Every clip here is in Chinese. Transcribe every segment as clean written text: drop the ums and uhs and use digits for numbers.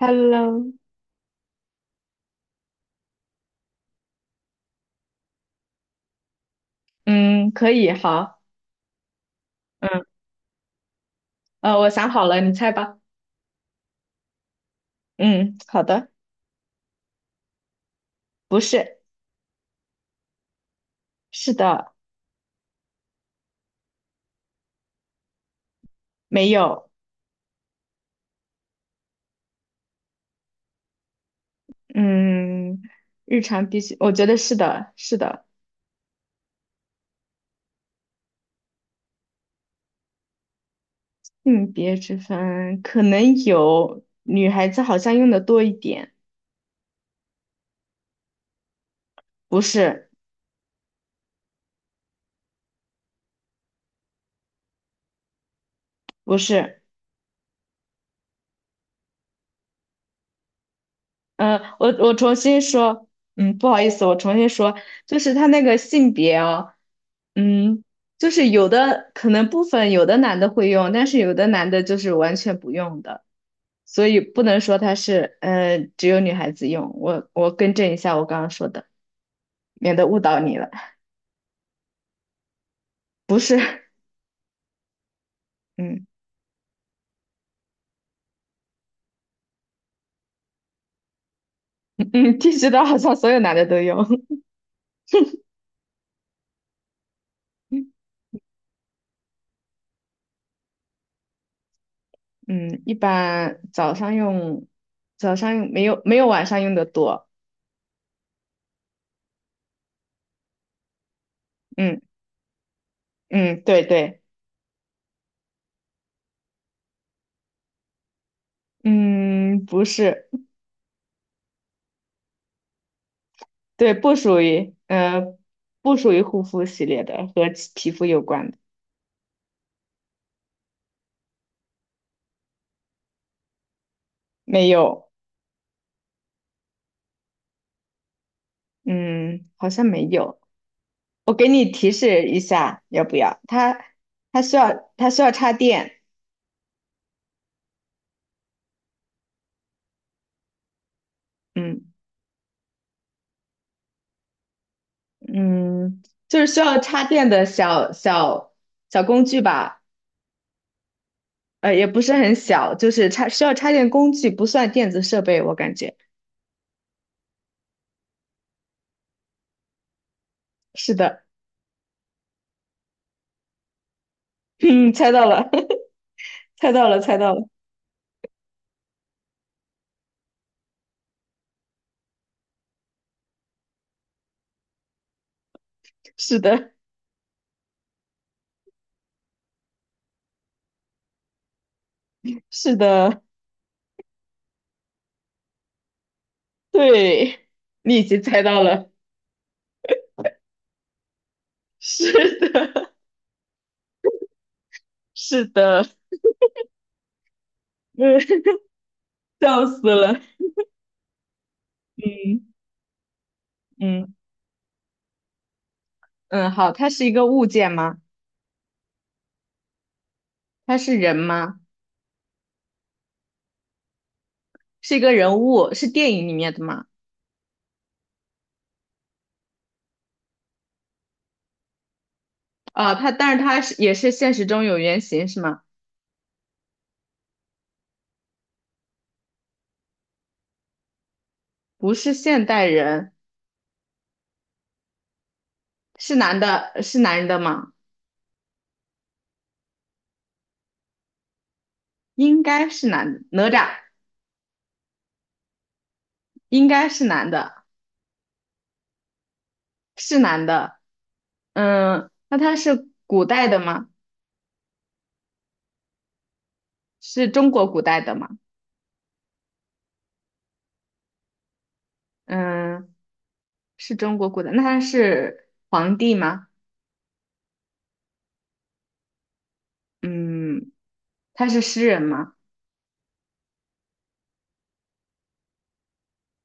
Hello，嗯，可以，好，嗯，我想好了，你猜吧。嗯，好的，不是，是的，没有，嗯，日常必须，我觉得是的，是的，性别之分可能有，女孩子好像用的多一点，不是，不是。嗯，我重新说，嗯，不好意思，我重新说，就是他那个性别哦，嗯，就是有的可能部分有的男的会用，但是有的男的就是完全不用的，所以不能说他是，只有女孩子用。我更正一下我刚刚说的，免得误导你了。嗯 嗯，剃须刀好像所有男的都用。嗯，一般早上用，早上用没有晚上用的多。嗯嗯，对对。嗯，不是，对，不属于，不属于护肤系列的，和其皮肤有关的，没有，嗯，好像没有。我给你提示一下，要不要？它需要插电，嗯嗯，就是需要插电的小小工具吧，也不是很小，就是需要插电工具，不算电子设备，我感觉是的，嗯，猜到了，猜到了，猜到了，是的，是的。对，你已经猜到了，是的，是的，嗯，笑死了，嗯嗯嗯，好，他是一个物件吗？他是人吗？是一个人物，是电影里面的吗？啊，但是他是也是现实中有原型是吗？不是现代人，是男的，是男人的吗？应该是男的，哪吒应该是男的，是男的，嗯，那他是古代的吗？是中国古代的吗？嗯。是中国古代，那他是皇帝吗？嗯，他是诗人吗？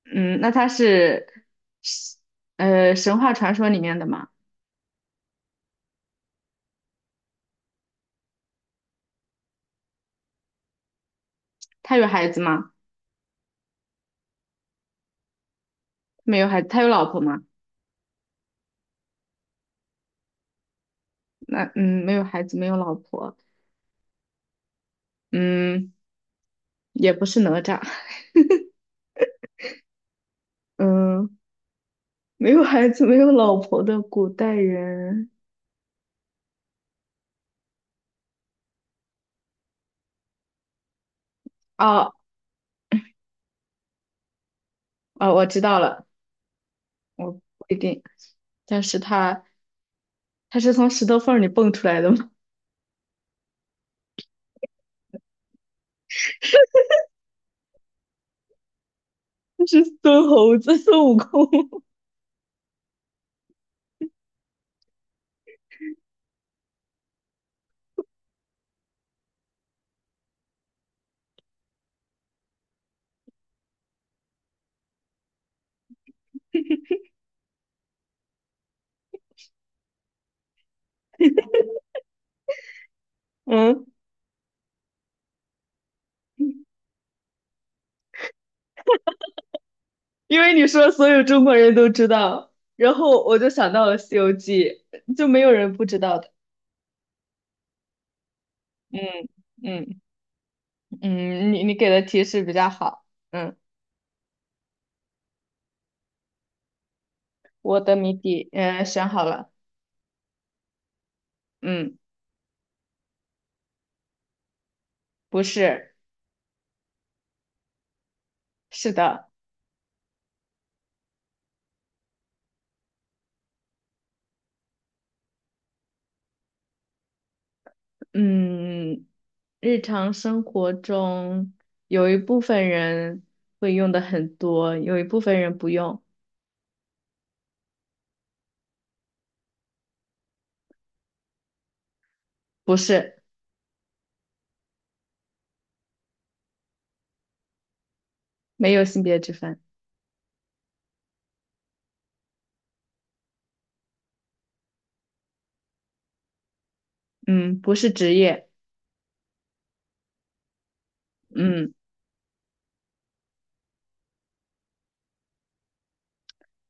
嗯，那他是神话传说里面的吗？他有孩子吗？没有孩子，他有老婆吗？那嗯，没有孩子，没有老婆，嗯，也不是哪吒，嗯，没有孩子，没有老婆的古代人，哦哦，我知道了，我不一定，但是他是从石头缝儿里蹦出来的吗？是孙猴子，孙悟空，嗯。因为你说所有中国人都知道，然后我就想到了《西游记》，就没有人不知道的。嗯嗯嗯，你给的提示比较好。嗯，我的谜底，嗯、选好了。嗯，不是，是的。嗯，日常生活中有一部分人会用的很多，有一部分人不用。不是，没有性别之分。嗯，不是职业。嗯，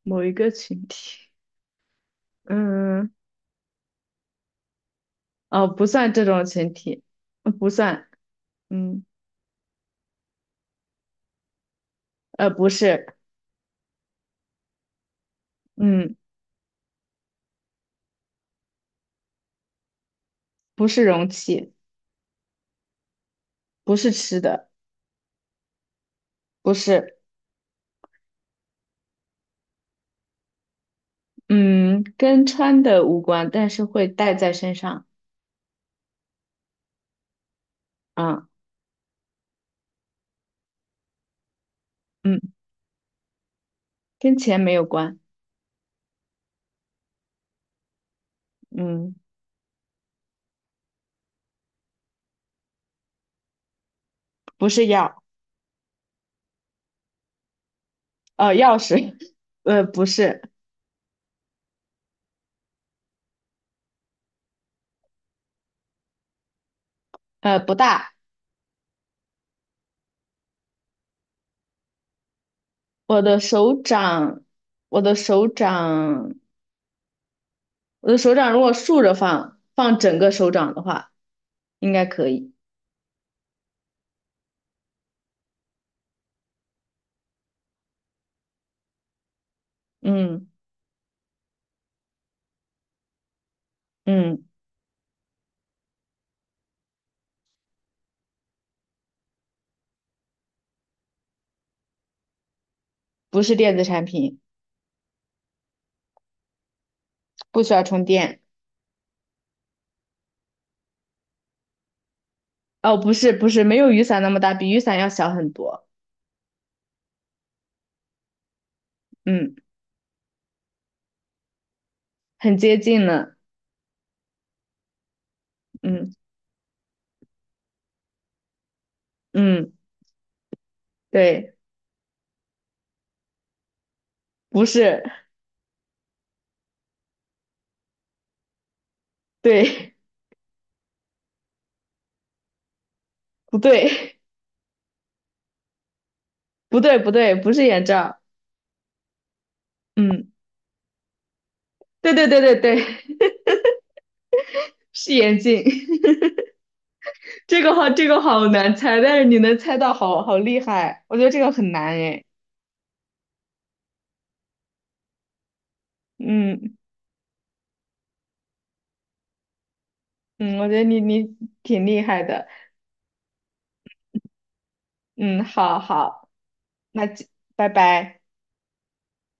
某一个群体。嗯。不算这种群体，不算，嗯，不是，嗯，不是容器，不是吃的，不是，嗯，跟穿的无关，但是会带在身上，啊，嗯，跟钱没有关，嗯，不是钥，钥匙，不是，不大，我的手掌，我的手掌，我的手掌如果竖着放，放整个手掌的话，应该可以，嗯嗯，不是电子产品。不需要充电。哦，不是不是，没有雨伞那么大，比雨伞要小很多。嗯，很接近呢。嗯嗯，对，不是，对，不对，不对，不对，不是眼罩。嗯，对对对对对，是眼镜。这个好，这个好难猜，但是你能猜到好，好厉害。我觉得这个很难诶。嗯嗯，我觉得你挺厉害的。嗯，好好，那就拜拜。